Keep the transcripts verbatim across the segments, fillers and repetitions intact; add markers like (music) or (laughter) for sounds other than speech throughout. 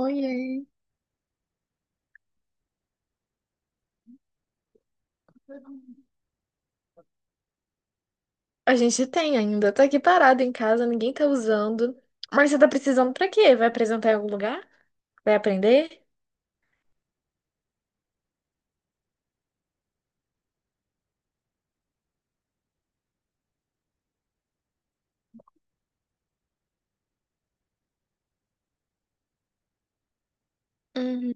Oiê. A gente tem ainda. Tá aqui parado em casa, ninguém tá usando. Mas será? Uhum.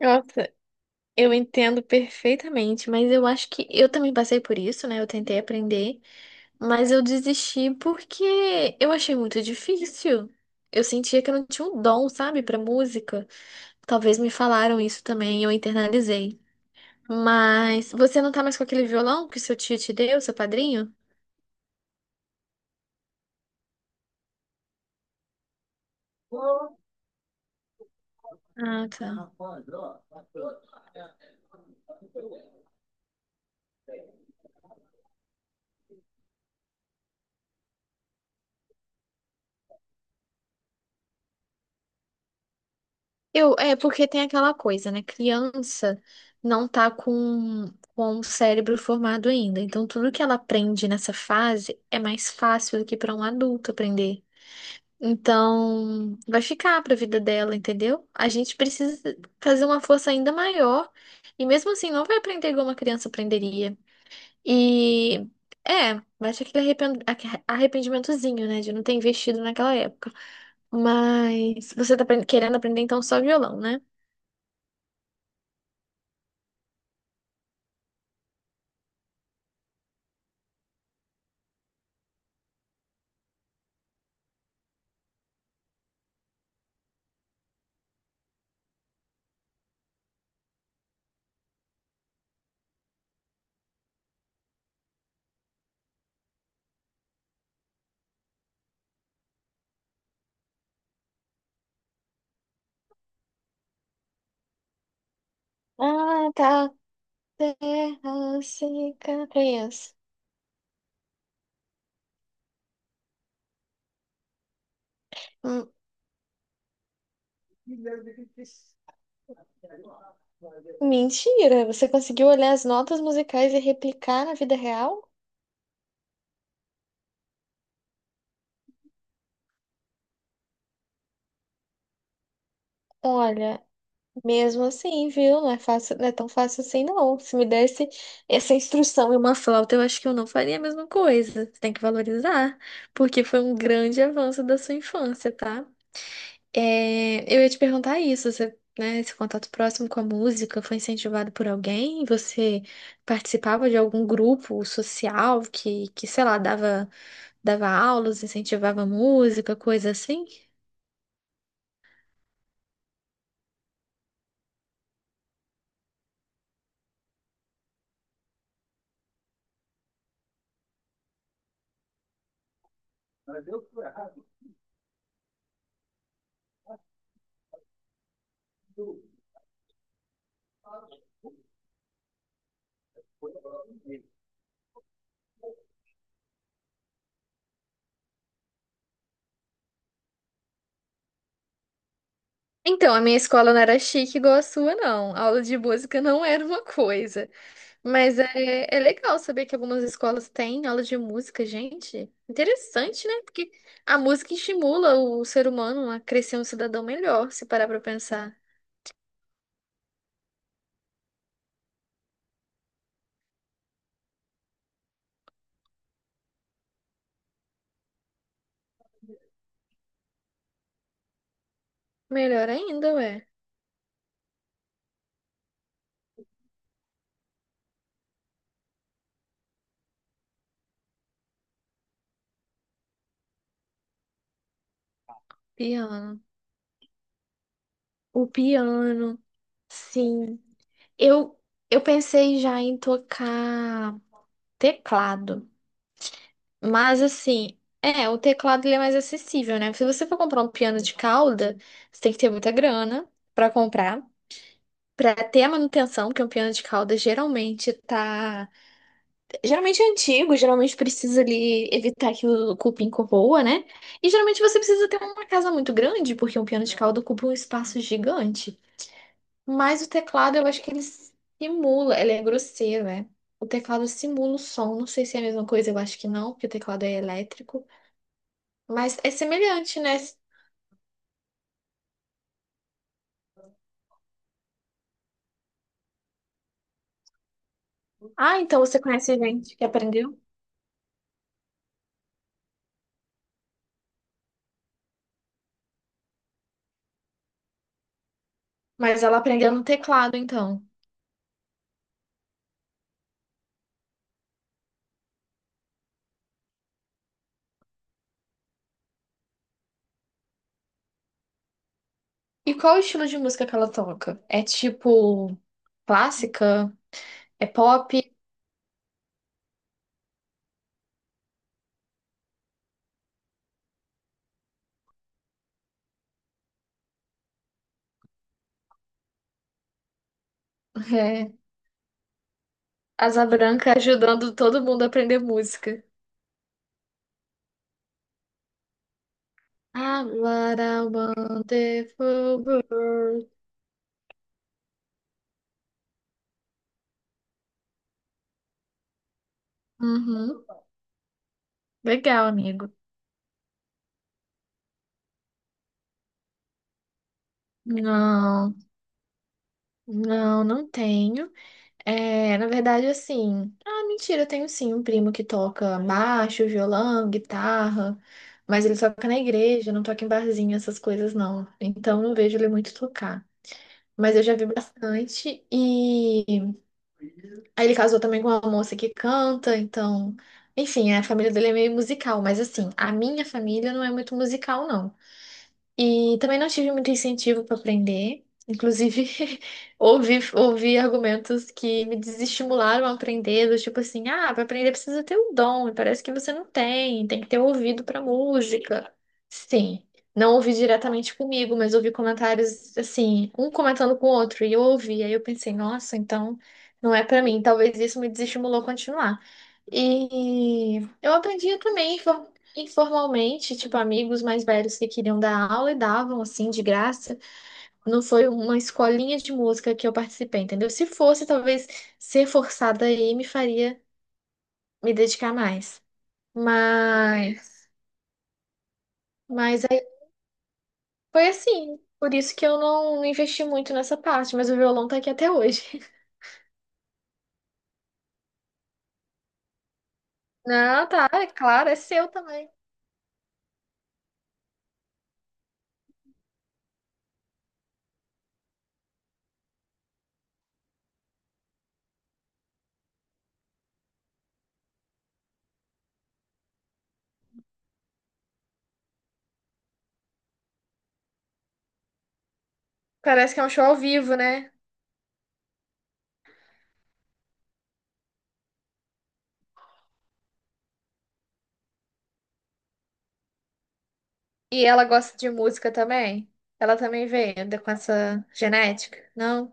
Nossa, eu entendo perfeitamente, mas eu acho que eu também passei por isso, né? Eu tentei aprender, mas eu desisti porque eu achei muito difícil. Eu sentia que eu não tinha um dom, sabe, pra música. Talvez me falaram isso também e eu internalizei. Mas você não tá mais com aquele violão que seu tio te deu, seu padrinho? Ah, tá. Eu, é porque tem aquela coisa, né? Criança não tá com, com o cérebro formado ainda. Então, tudo que ela aprende nessa fase é mais fácil do que para um adulto aprender. Então, vai ficar para a vida dela, entendeu? A gente precisa fazer uma força ainda maior. E mesmo assim, não vai aprender igual uma criança aprenderia. E é, vai ter aquele arrepen- aque- arrependimentozinho, né? De não ter investido naquela época. Mas você tá apren- querendo aprender então só violão, né? Ah, tá. Terra cicatriz. Hum. Mentira, você conseguiu olhar as notas musicais e replicar na vida real? Olha, mesmo assim, viu? Não é fácil, não é tão fácil assim, não. Se me desse essa instrução e uma flauta, eu acho que eu não faria a mesma coisa. Você tem que valorizar, porque foi um grande avanço da sua infância, tá? É, eu ia te perguntar isso, você, né, esse contato próximo com a música foi incentivado por alguém? Você participava de algum grupo social que, que sei lá, dava, dava aulas, incentivava música, coisa assim? Então, a minha escola não era chique igual a sua, não. A aula de música não era uma coisa. Mas é, é legal saber que algumas escolas têm aula de música, gente. Interessante, né? Porque a música estimula o ser humano a crescer um cidadão melhor, se parar pra pensar. Melhor ainda, ué. Piano. O piano, sim. Eu, eu pensei já em tocar teclado. Mas assim, é, o teclado ele é mais acessível, né? Se você for comprar um piano de cauda, você tem que ter muita grana pra comprar. Pra ter a manutenção, porque um piano de cauda geralmente tá. Geralmente é antigo, geralmente precisa ali evitar que o cupim corroa, né? E geralmente você precisa ter uma casa muito grande, porque um piano de cauda ocupa um espaço gigante. Mas o teclado, eu acho que ele simula, ele é grosseiro, né? O teclado simula o som. Não sei se é a mesma coisa, eu acho que não, porque o teclado é elétrico. Mas é semelhante, né? Ah, então você conhece gente que aprendeu? Mas ela aprendeu no teclado, então. E qual o estilo de música que ela toca? É tipo clássica? É pop? (laughs) É Asa Branca ajudando todo mundo a aprender música. Ah, what a wonderful world. Uhum. Legal, amigo. Não, não, não tenho. É, na verdade, assim. Ah, mentira, eu tenho sim um primo que toca baixo, violão, guitarra, mas ele toca na igreja, não toca em barzinho, essas coisas não. Então, não vejo ele muito tocar. Mas eu já vi bastante. E aí ele casou também com uma moça que canta, então. Enfim, a família dele é meio musical, mas assim, a minha família não é muito musical, não. E também não tive muito incentivo para aprender. Inclusive, (laughs) ouvi, ouvi argumentos que me desestimularam a aprender, do tipo assim, ah, para aprender precisa ter um dom, e parece que você não tem, tem que ter um ouvido para música. Sim, não ouvi diretamente comigo, mas ouvi comentários assim, um comentando com o outro, e eu ouvi, aí eu pensei, nossa, então não é para mim. Talvez isso me desestimulou a continuar. E eu aprendi também informalmente, tipo, amigos mais velhos que queriam dar aula e davam, assim, de graça. Não foi uma escolinha de música que eu participei, entendeu? Se fosse, talvez ser forçada aí me faria me dedicar mais. Mas, mas aí foi assim. Por isso que eu não investi muito nessa parte, mas o violão tá aqui até hoje. (laughs) Não, tá, é claro, é seu também. Parece que é um show ao vivo, né? E ela gosta de música também? Ela também veio com essa genética? Não?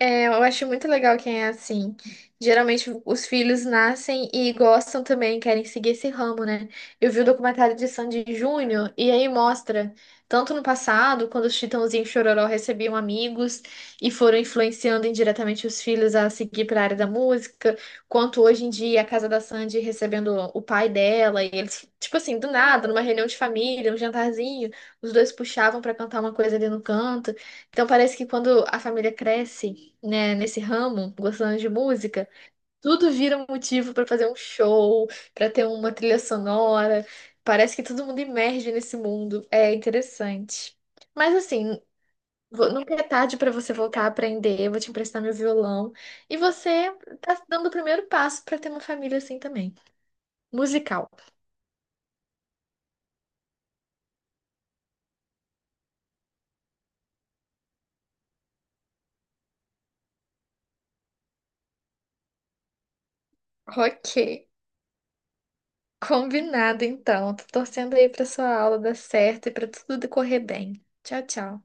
É, eu acho muito legal quem é assim. Geralmente os filhos nascem e gostam também, querem seguir esse ramo, né? Eu vi o documentário de Sandy Júnior e aí mostra, tanto no passado, quando os Chitãozinho e Chororó recebiam amigos e foram influenciando indiretamente os filhos a seguir para a área da música, quanto hoje em dia a casa da Sandy recebendo o pai dela e eles, tipo assim, do nada, numa reunião de família, um jantarzinho, os dois puxavam para cantar uma coisa ali no canto. Então parece que quando a família cresce, né, nesse ramo, gostando de música, tudo vira um motivo pra fazer um show, pra ter uma trilha sonora. Parece que todo mundo emerge nesse mundo. É interessante. Mas assim, vo- nunca é tarde pra você voltar a aprender. Eu vou te emprestar meu violão. E você tá dando o primeiro passo pra ter uma família assim também, musical. Ok. Combinado, então. Tô torcendo aí pra sua aula dar certo e pra tudo decorrer bem. Tchau, tchau.